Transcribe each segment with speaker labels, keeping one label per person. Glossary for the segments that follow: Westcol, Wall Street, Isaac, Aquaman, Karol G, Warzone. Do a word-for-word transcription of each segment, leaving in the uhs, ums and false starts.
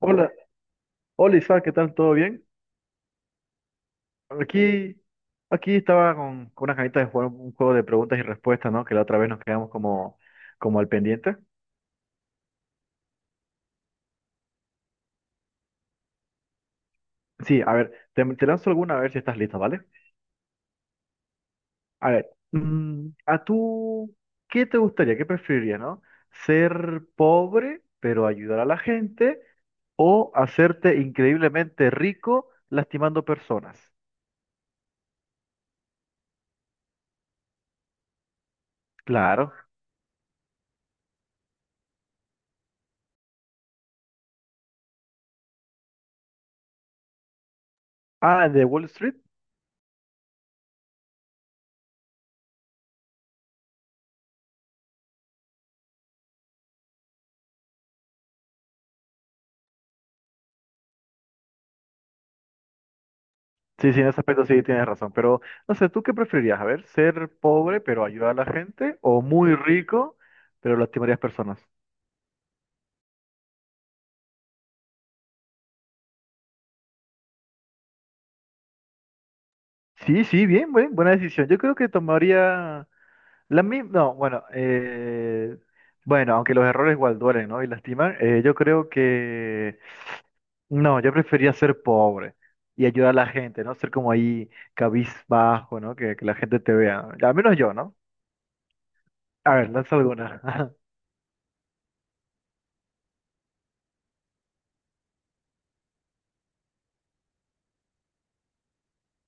Speaker 1: Hola, hola Isaac, ¿qué tal? ¿Todo bien? Aquí, aquí estaba con, con unas ganitas de jugar un juego de preguntas y respuestas, ¿no? Que la otra vez nos quedamos como, como al pendiente. Sí, a ver, te, te lanzo alguna a ver si estás lista, ¿vale? A ver, mm, ¿a tú qué te gustaría, qué preferirías, ¿no? ¿Ser pobre pero ayudar a la gente o hacerte increíblemente rico lastimando personas? Claro. Ah, de Wall Street. Sí, sí, en ese aspecto sí tienes razón, pero no sé, ¿tú qué preferirías? A ver, ser pobre pero ayudar a la gente o muy rico pero lastimarías personas. Sí, sí, bien, buen- buena decisión. Yo creo que tomaría la misma, no, bueno, eh, bueno, aunque los errores igual duelen, ¿no? Y lastiman, eh, yo creo que no, yo prefería ser pobre y ayudar a la gente, ¿no? Ser como ahí cabizbajo, ¿no? Que, que la gente te vea, al menos yo, ¿no? A ver, lanza alguna.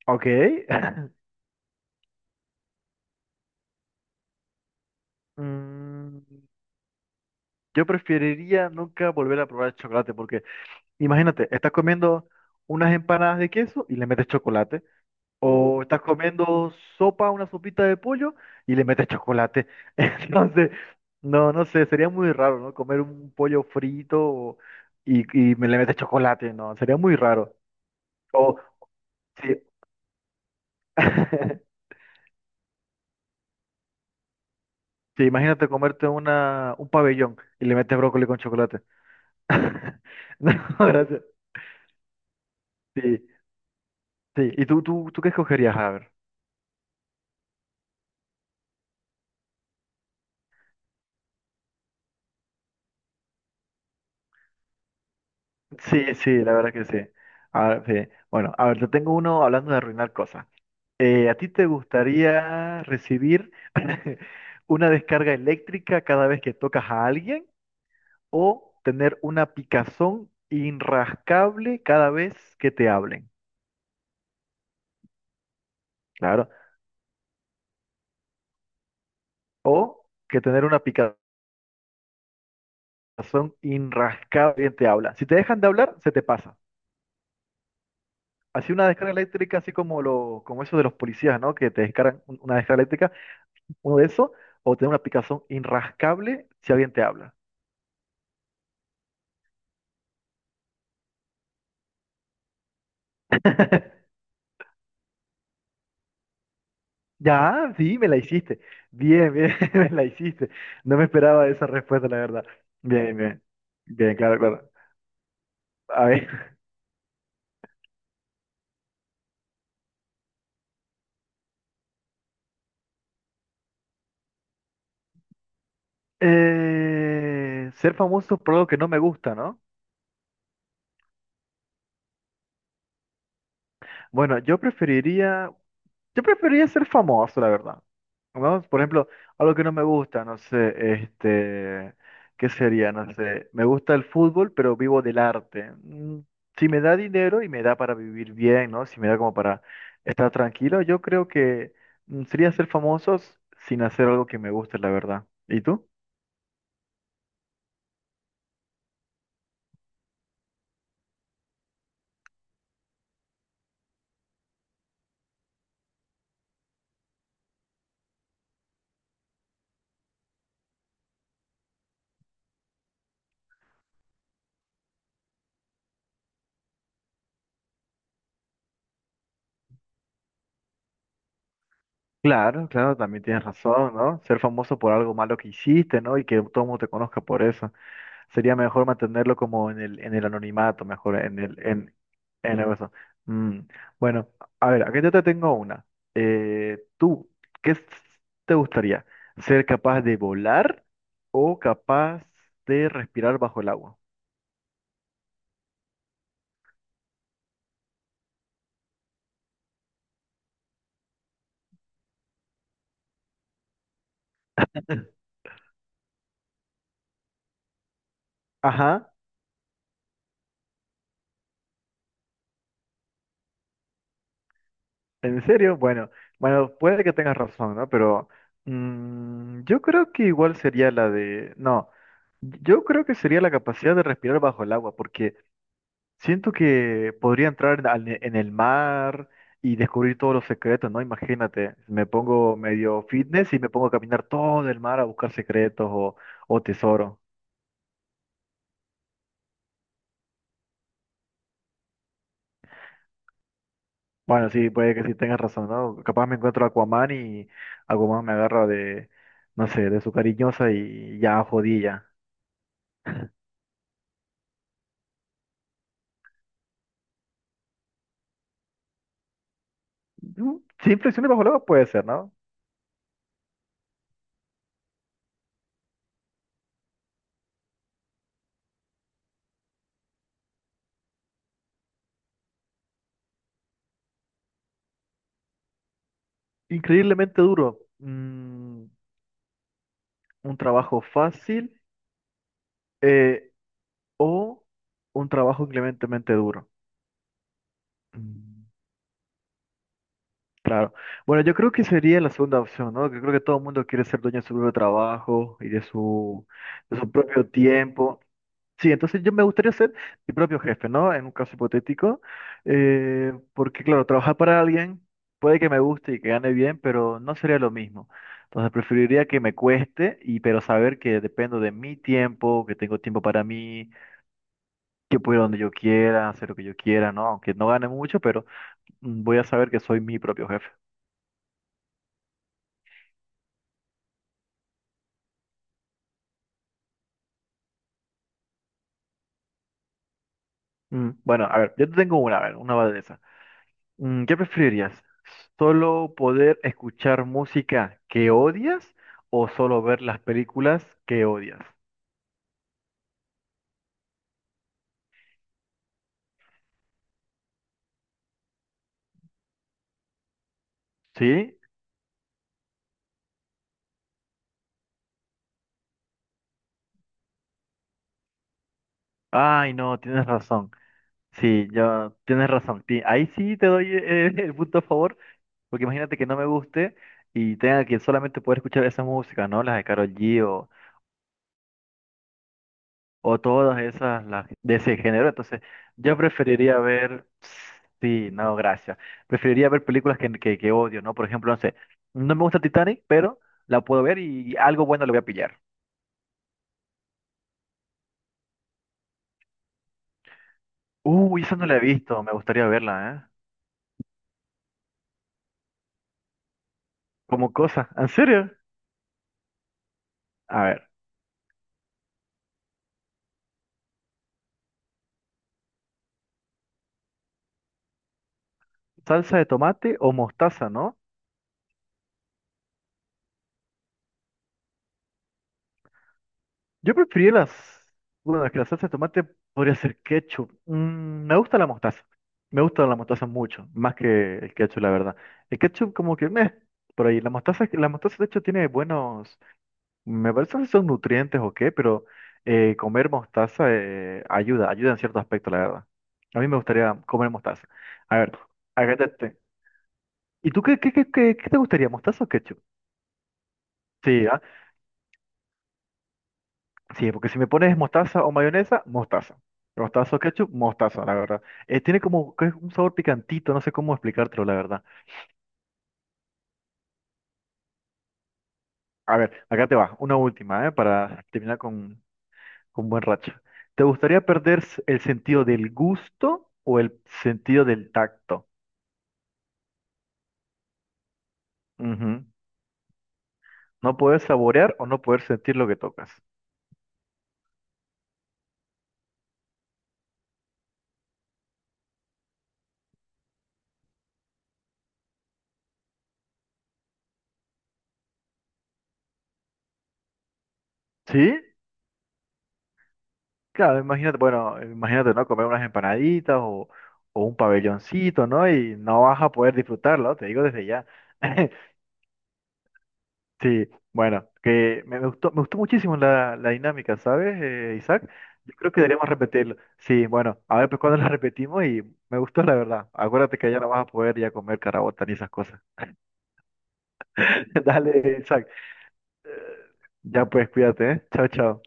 Speaker 1: Ok. Mm, Yo preferiría nunca volver a probar el chocolate porque imagínate, estás comiendo unas empanadas de queso y le metes chocolate, o estás comiendo sopa, una sopita de pollo y le metes chocolate. Entonces, no, no sé, sería muy raro, ¿no? Comer un pollo frito o- y, y me le metes chocolate, no, sería muy raro. O sí, sí, imagínate comerte una, un pabellón y le metes brócoli con chocolate. No, gracias. Sí, sí. ¿Y tú, tú, tú qué escogerías? A ver. Sí, sí, la verdad que sí. A ver, sí. Bueno, a ver, yo tengo uno hablando de arruinar cosas. Eh, ¿a ti te gustaría recibir una descarga eléctrica cada vez que tocas a alguien o tener una picazón inrascable cada vez que te hablen? Claro. O que tener una picazón inrascable quien te habla. Si te dejan de hablar, se te pasa. Así una descarga eléctrica, así como lo, como eso de los policías, ¿no? Que te descargan un- una descarga eléctrica uno de esos, o tener una picazón inrascable si alguien te habla. Ya, sí, me la hiciste. Bien, bien, me la hiciste. No me esperaba esa respuesta, la verdad. Bien, bien. Bien, claro, claro. A ver. Eh, ser famoso por algo que no me gusta, ¿no? Bueno, yo preferiría, yo preferiría ser famoso, la verdad. ¿No? Por ejemplo, algo que no me gusta, no sé, este, ¿qué sería? No sé, me gusta el fútbol, pero vivo del arte. Mm, Si me da dinero y me da para vivir bien, ¿no? Si me da como para estar tranquilo, yo creo que mm, sería ser famosos sin hacer algo que me guste, la verdad. ¿Y tú? Claro, claro, también tienes razón, ¿no? Ser famoso por algo malo que hiciste, ¿no? Y que todo el mundo te conozca por eso. Sería mejor mantenerlo como en el, en el anonimato, mejor en el, en, en algo eso. Mm, Bueno, a ver, aquí yo te tengo una. Eh, ¿tú qué s- te gustaría? ¿Ser capaz de volar o capaz de respirar bajo el agua? Ajá, ¿en serio? Bueno, bueno, puede que tengas razón, ¿no? Pero mm, yo creo que igual sería la de... No, yo creo que sería la capacidad de respirar bajo el agua, porque siento que podría entrar al- en el mar y descubrir todos los secretos, ¿no? Imagínate, me pongo medio fitness y me pongo a caminar todo el mar a buscar secretos o, o tesoro. Bueno, sí, puede que sí tengas razón, ¿no? Capaz me encuentro a Aquaman y Aquaman me agarra de, no sé, de su cariñosa y ya jodí ya. Mm, Sin flexiones bajo el agua puede ser, ¿no? Increíblemente duro. Mm, un trabajo fácil eh, o un trabajo increíblemente duro. Mm. Claro. Bueno, yo creo que sería la segunda opción, ¿no? Que creo que todo el mundo quiere ser dueño de su propio trabajo y de su, de su propio tiempo. Sí, entonces yo me gustaría ser mi propio jefe, ¿no? En un caso hipotético. eh, porque, claro, trabajar para alguien puede que me guste y que gane bien, pero no sería lo mismo. Entonces preferiría que me cueste, y, pero saber que dependo de mi tiempo, que tengo tiempo para mí, que puedo ir donde yo quiera, hacer lo que yo quiera, ¿no? Aunque no gane mucho, pero mm, voy a saber que soy mi propio jefe. Mm, bueno, a ver, yo te tengo una, a ver, una va de esa. Mm, ¿qué preferirías? ¿Solo poder escuchar música que odias o solo ver las películas que odias? ¿Sí? Ay, no, tienes razón. Sí, ya tienes razón. Ti- Ahí sí te doy eh, el punto a favor, porque imagínate que no me guste y tenga que solamente poder escuchar esa música, ¿no? Las de Karol G o todas esas las de ese género. Entonces, yo preferiría ver, sí, no, gracias. Preferiría ver películas que, que, que odio, ¿no? Por ejemplo, no sé, no me gusta Titanic, pero la puedo ver y algo bueno le voy a pillar. Uy, esa no la he visto, me gustaría verla, ¿eh? Como cosa, ¿en serio? A ver, salsa de tomate o mostaza, ¿no? Yo prefería las... Bueno, es que la salsa de tomate podría ser ketchup. Mm, me gusta la mostaza. Me gusta la mostaza mucho, más que el ketchup, la verdad. El ketchup como que meh, por ahí. La mostaza, la mostaza de hecho tiene buenos... Me parece que son nutrientes o qué, pero eh, comer mostaza eh, ayuda, ayuda en cierto aspecto, la verdad. A mí me gustaría comer mostaza. A ver, agárrate. ¿Y tú qué, qué, qué, qué, qué te gustaría, mostaza o ketchup? Sí, ¿ah? Sí, porque si me pones mostaza o mayonesa, mostaza. Mostaza o ketchup, mostaza, la verdad. Eh, tiene como que es un sabor picantito, no sé cómo explicártelo, la verdad. A ver, acá te va, una última, ¿eh? Para terminar con, con buen racha. ¿Te gustaría perder s- el sentido del gusto o el sentido del tacto? Ujú. No poder saborear o no poder sentir lo que tocas. ¿Sí? Claro, imagínate, bueno, imagínate, ¿no? Comer unas empanaditas o, o un pabelloncito, ¿no? Y no vas a poder disfrutarlo, te digo desde ya. Sí, bueno, que me me gustó, me gustó muchísimo la, la dinámica, ¿sabes, eh, Isaac? Yo creo que deberíamos repetirlo. Sí, bueno, a ver pues cuando la repetimos y me gustó la verdad. Acuérdate que ya no vas a poder ya comer carabota ni esas cosas. Dale, Isaac. Ya pues, cuídate, ¿eh? Chao, chao.